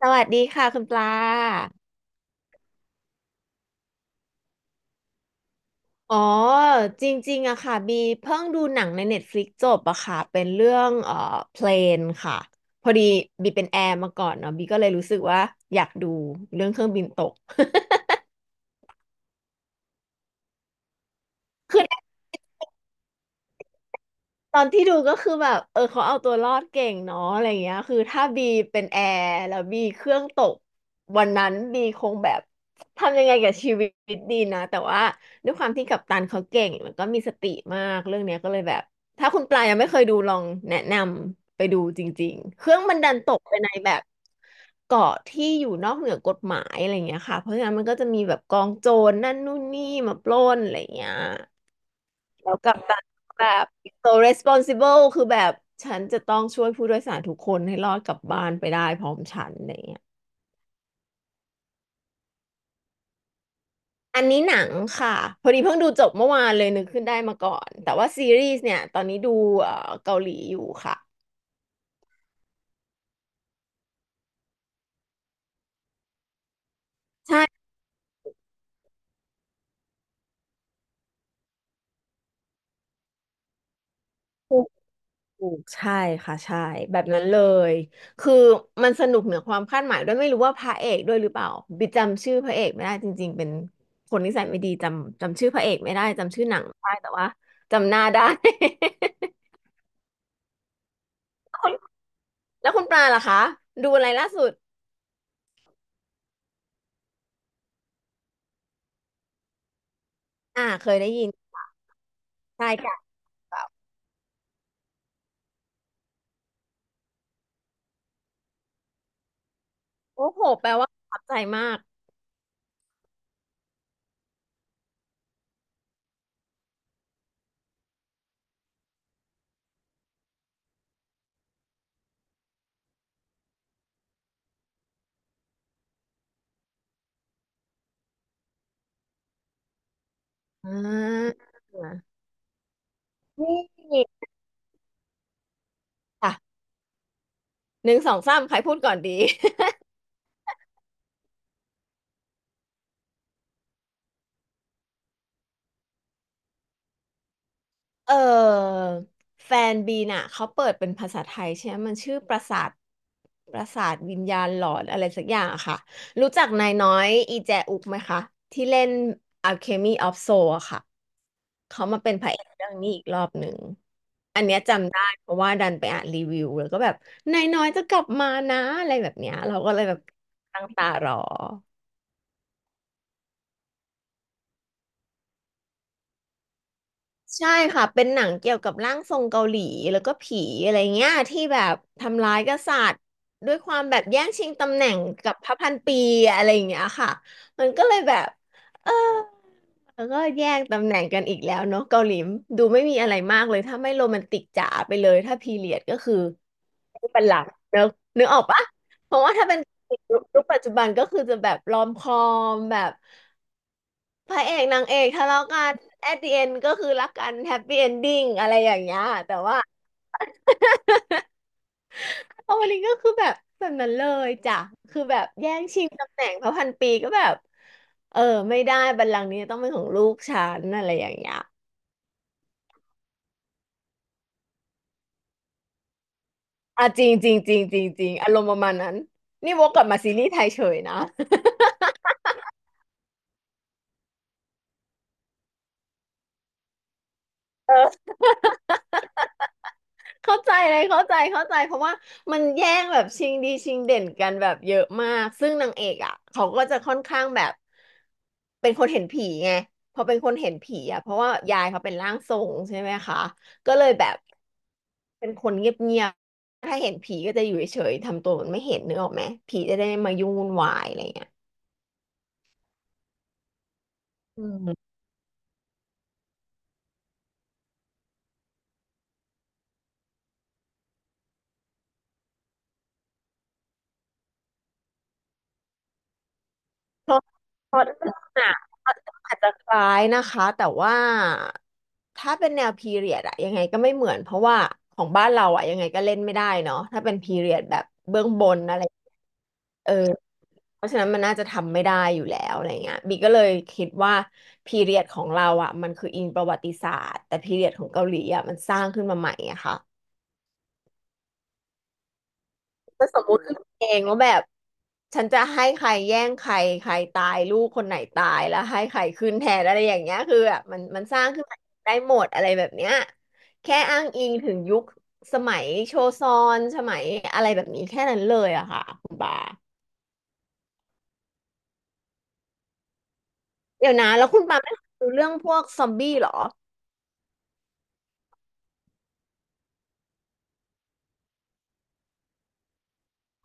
สวัสดีค่ะคุณปลา อ๋อจริงๆอะค่ะบีเพิ่งดูหนังใน Netflix จบอะค่ะเป็นเรื่องเพลนค่ะพอดีบีเป็นแอร์มาก่อนเนาะบีก็เลยรู้สึกว่าอยากดูเรื่องเครื่องบินตก ตอนที่ดูก็คือแบบเออเขาเอาตัวรอดเก่งเนาะอะไรเงี้ยคือถ้าบีเป็นแอร์แล้วบีเครื่องตกวันนั้นบีคงแบบทำยังไงกับชีวิตดีนะแต่ว่าด้วยความที่กัปตันเขาเก่งแล้วก็มีสติมากเรื่องเนี้ยก็เลยแบบถ้าคุณปลายยังไม่เคยดูลองแนะนำไปดูจริงๆเครื่องมันดันตกไปในแบบเกาะที่อยู่นอกเหนือกฎหมายอะไรเงี้ยค่ะเพราะงั้นมันก็จะมีแบบกองโจรนั่นนู่นนี่มาปล้นอะไรเงี้ย แล้วกัปตันแบบ so responsible คือแบบฉันจะต้องช่วยผู้โดยสารทุกคนให้รอดกลับบ้านไปได้พร้อมฉันอะไรเงี้ยอันนี้หนังค่ะ พอดีเพิ่งดูจบเมื่อวานเลยนึกขึ้นได้มาก่อน แต่ว่าซีรีส์เนี่ยตอนนี้ดูเกาหลีอยู่ค่ะ ใช่ถูกถูกใช่ค่ะใช่แบบนั้นเลย คือมันสนุกเหนือความคาดหมายด้วยไม่รู้ว่าพระเอกด้วยหรือเปล่า บิกจำชื่อพระเอกไม่ได้จริงๆเป็นคนนิสัยไม่ดีจำชื่อพระเอกไม่ได้จำชื่อหนังไม่ได้แต่ว่าจำหน้าได้ คุณแล้วคุณปลาล่ะคะดูอะไรล่าสุดอ่าเคยได้ยินใช่ค่ะโอ้โหแปลว่าประทับใจมากอ่านี่ค่ะหนึ่งสองสามใครพูดก่อนดี เออแฟนบีน่ะเขาเปิดเป็นภาษาไทยใช่ไหมมันชื่อปราสาทวิญญาณหลอนอะไรสักอย่างอะค่ะรู้จักนายน้อยอีแจอุกไหมคะที่เล่น Alchemy of Soul อะค่ะเขามาเป็นพระเอกเรื่องนี้อีกรอบหนึ่งอันเนี้ยจำได้เพราะว่าดันไปอ่านรีวิวแล้วก็แบบนายน้อยจะกลับมานะอะไรแบบเนี้ยเราก็เลยแบบตั้งตารอ ใช่ค่ะเป็นหนังเกี่ยวกับร่างทรงเกาหลีแล้วก็ผีอะไรเงี้ยที่แบบทำร้ายกษัตริย์ด้วยความแบบแย่งชิงตำแหน่งกับพระพันปีอะไรอย่างเงี้ยค่ะมันก็เลยแบบเออแล้วก็แย่งตำแหน่งกันอีกแล้วเนาะเกาหลีดูไม่มีอะไรมากเลยถ้าไม่โรแมนติกจ๋าไปเลยถ้าพีเรียดก็คือไม่เป็นหลักเนอะนึกออกปะเพราะว่าถ้าเป็นยุคปัจจุบันก็คือจะแบบรอมคอมแบบ พระเอกนางเอกทะเลาะกัน at the end ก็คือรักกัน happy ending อะไรอย่างเงี้ยแต่ว่าโอวัลินก็คือแบบนั้นเลยจ้ะคือแบบแย่งชิงตำแหน่งพระพันปีก็แบบเออไม่ได้บัลลังก์นี้ต้องเป็นของลูกฉันอะไรอย่างเงี้ยอ่ะจริงจริงจริงจริงจริงอารมณ์ประมาณนั้นนี่วกกลับมาซีรีส์ไทยเฉยนะ เข้าใจเลยเข้าใจเข้าใจเพราะว่ามันแย่งแบบชิงดีชิงเด่นกันแบบเยอะมากซึ่งนางเอกอ่ะเขาก็จะค่อนข้างแบบเป็นคนเห็นผีไงพอเป็นคนเห็นผีอ่ะเพราะว่ายายเขาเป็นร่างทรงใช่ไหมคะก็เลยแบบเป็นคนเงียบๆถ้าเห็นผีก็จะอยู่เฉยๆทำตัวเหมือนไม่เห็นนึกออกไหมผีจะได้ไม่มายุ่งวุ่นวายอะไรเงี้ยอืม เพราะเพราะอ่องอะอาจจะคล้ายนะคะ แต่ว่าถ้าเป็นแนวพีเรียดอะยังไงก็ไม่เหมือนเพราะว่าของบ้านเราอะยังไงก็เล่นไม่ได้เนาะถ้าเป็นพีเรียดแบบเบื้องบนอะไรเออเพราะฉะนั้นมันน่าจะทำไม่ได้อยู่แล้วอะไรเงี้ยบีก็เลยคิดว่าพีเรียดของเราอะมันคืออิงประวัติศาสตร์แต่พีเรียดของเกาหลีอะมันสร้างขึ้นมาใหม่อะค่ะ ถ้าสมมุติขึ้นมาเองว่าแบบฉันจะให้ใครแย่งใครใครตายลูกคนไหนตายแล้วให้ใครขึ้นแทนอะไรอย่างเงี้ยคือแบบมันสร้างขึ้นมาได้หมดอะไรแบบเนี้ยแค่อ้างอิงถึงยุคสมัยโชซอนสมัยอะไรแบบนี้แค่นั้นเลยอะค่ะคุณปาเดี๋ยวนะแล้วคุณปาไม่ดูเรื่องพวกซอมบี้เหรอ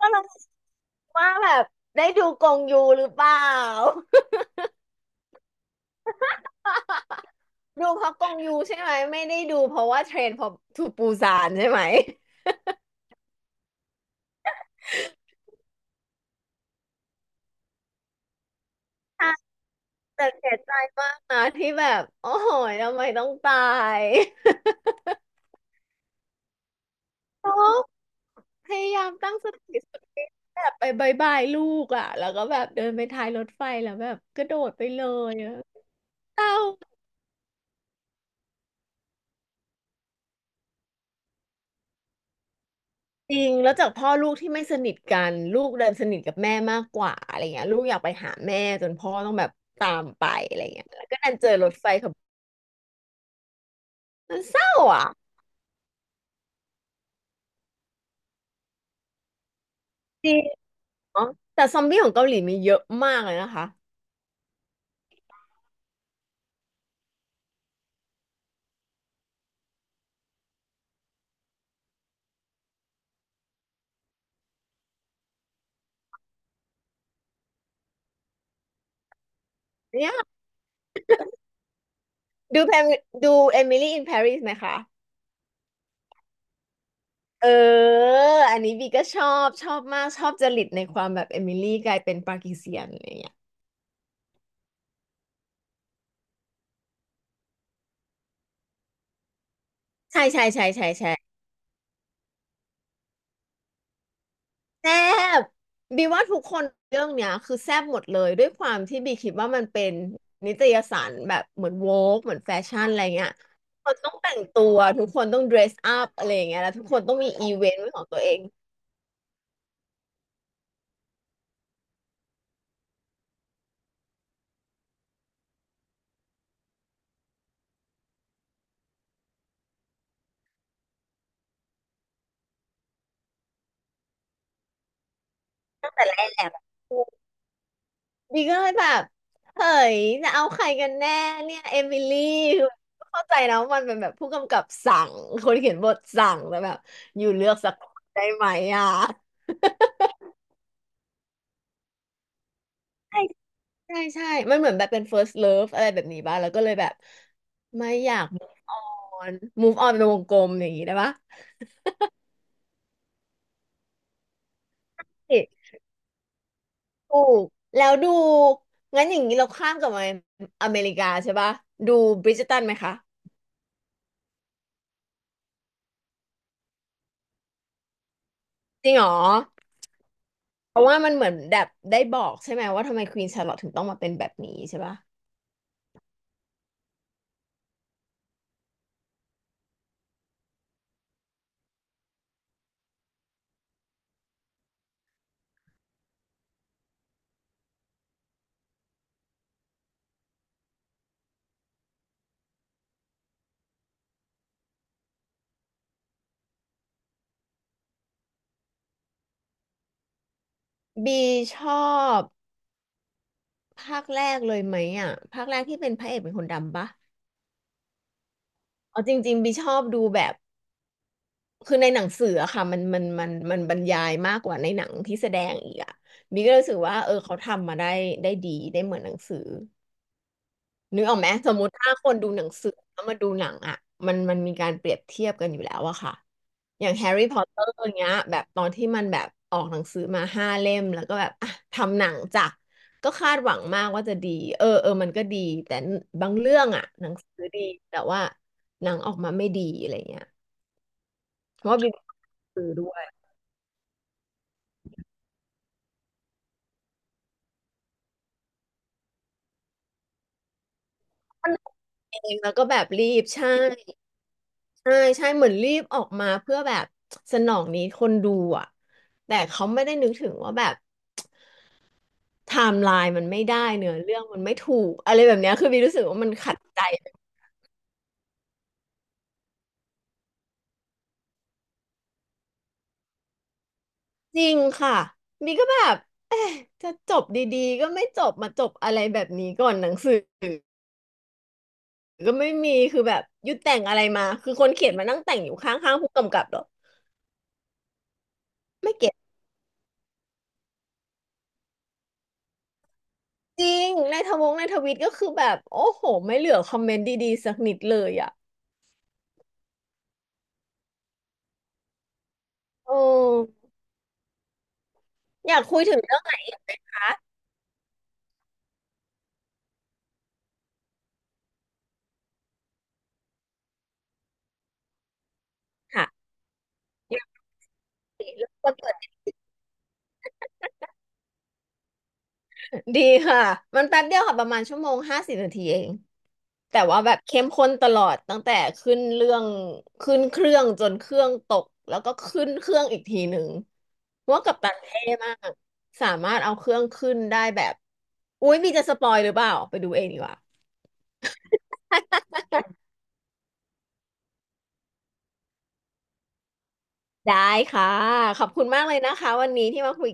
ก็ลองว่าแบบได้ดูกงยูหรือเปล่า ดูเพราะกงยูใช่ไหมไม่ได้ดูเพราะว่าเทรนพอทูปูซานใช่ไหมใช่ แต่เสียใจมากนะที่แบบโอ้โหยทำไมต้องตาย โอพยายามตั้งสติสุดฤทธิ์แบบไปบายบายลูกอ่ะแล้วก็แบบเดินไปท้ายรถไฟแล้วแบบกระโดดไปเลยอะเศร้าจริงแล้วจากพ่อลูกที่ไม่สนิทกันลูกเดินสนิทกับแม่มากกว่าอะไรเงี้ยลูกอยากไปหาแม่จนพ่อต้องแบบตามไปอะไรเงี้ยแล้วก็ดันเจอรถไฟขับมันเศร้าอ่ะจริงเนาะแต่ซอมบี้ของเกาหลีมีเยอะมากเลยนะคะเนี่ยดูแพมดูเอมิลี่อินปารีสไหมคะ เอออันนี้บีก็ชอบชอบมากชอบจริตในความแบบเอมิลี่กลายเป็นปากีเซียนอะไรอย่างเงี้ยใช่ใช่ใช่ใช่ใช่แซ่บบีว่าทุกคนเรื่องเนี้ยคือแซ่บหมดเลยด้วยความที่บีคิดว่ามันเป็นนิตยสารแบบเหมือนโวกเหมือนแฟชั่นอะไรเงี้ยทุกคนต้องแต่งตัวทุกคนต้องเดรสอัพอะไรอย่างเงี้ยแล้วทุกคนต้องมีอีเวนต์เป็นของตัวเองแซ่บ ดีก็เลยแบบเฮ้ยจะเอาใครกันแน่เนี่ยเอมิลี่คือเข้าใจนะว่ามันเป็นแบบผู้กำกับสั่งคนเขียนบทสั่งแต่แบบอยู่เลือกสักคนได้ไหมอ่ะใช่ใช่ใช่มันเหมือนแบบเป็น first love อะไรแบบนี้บ้างแล้วก็เลยแบบไม่อยาก move on move on เป็นวงกลมอย่างนี้ได้ปะนี่ถูกแล้วดูงั้นอย่างนี้เราข้ามกลับมาอเมริกาใช่ป่ะดูบริจตันไหมคะจริงเหรอ เพราะว่ามันเหมือนแบบได้บอกใช่ไหมว่าทำไมควีนชาร์ลอตถึงต้องมาเป็นแบบนี้ใช่ปะบีชอบภาคแรกเลยไหมอ่ะภาคแรกที่เป็นพระเอกเป็นคนดำปะเอาจริงๆบีชอบดูแบบคือในหนังสืออะค่ะมันบรรยายมากกว่าในหนังที่แสดงอีกอ่ะบีก็รู้สึกว่าเออเขาทำมาได้ได้ดีได้เหมือนหนังสือ นึกออกไหมสมมติถ้าคนดูหนังสือแล้วมาดูหนังอ่ะมันมันมีการเปรียบเทียบกันอยู่แล้วอะค่ะอย่างแฮร์รี่พอตเตอร์เงี้ยแบบตอนที่มันแบบออกหนังสือมาห้าเล่มแล้วก็แบบอ่ะทำหนังจ้ะก็คาดหวังมากว่าจะดีเออเออมันก็ดีแต่บางเรื่องอ่ะหนังสือดี แต่ว่าหนังออกมาไม่ดีอะไรเงี้ยเพราะว่าบินสือด้วยมันเองแล้วก็แบบรีบใช่ใช่ใช่เหมือนรีบออกมาเพื่อแบบสนองนี้คนดูอ่ะแต่เขาไม่ได้นึกถึงว่าแบบ ไทม์ไลน์มันไม่ได้เนื้อเรื่องมันไม่ถูกอะไรแบบเนี้ยคือบีรู้สึกว่ามันขัดใจจริงค่ะบีก็แบบเอ๊ะจะจบดีๆก็ไม่จบมาจบอะไรแบบนี้ก่อนหนังสือก็ไม่มีคือแบบยุดแต่งอะไรมาคือคนเขียนมานั่งแต่งอยู่ข้างๆผู้กำกับเหรอไม่เก็ตจริงในทวิตก็คือแบบโอ้โหไม่เหลือคอมเมนต์ดีๆสักนิดเลยอ่ะโอ้อยากคุยถึงเรื่องไหนอีกไหมคะค่ะอยากคุย ดีค่ะ มันแป๊บเดียวค่ะประมาณชั่วโมง50นาทีเองแต่ว่าแบบเข้มข้นตลอดตั้งแต่ขึ้นเรื่องขึ้นเครื่องจนเครื่องตกแล้วก็ขึ้นเครื่องอีกทีหนึ่งเพราะว่ากัปตันเท่มากสามารถเอาเครื่องขึ้นได้แบบอุ๊ยมีจะสปอยหรือเปล่าไปดูเองดีกว่าได้ค่ะขอบคุณมากเลยนะคะวันนี้ที่มาคุย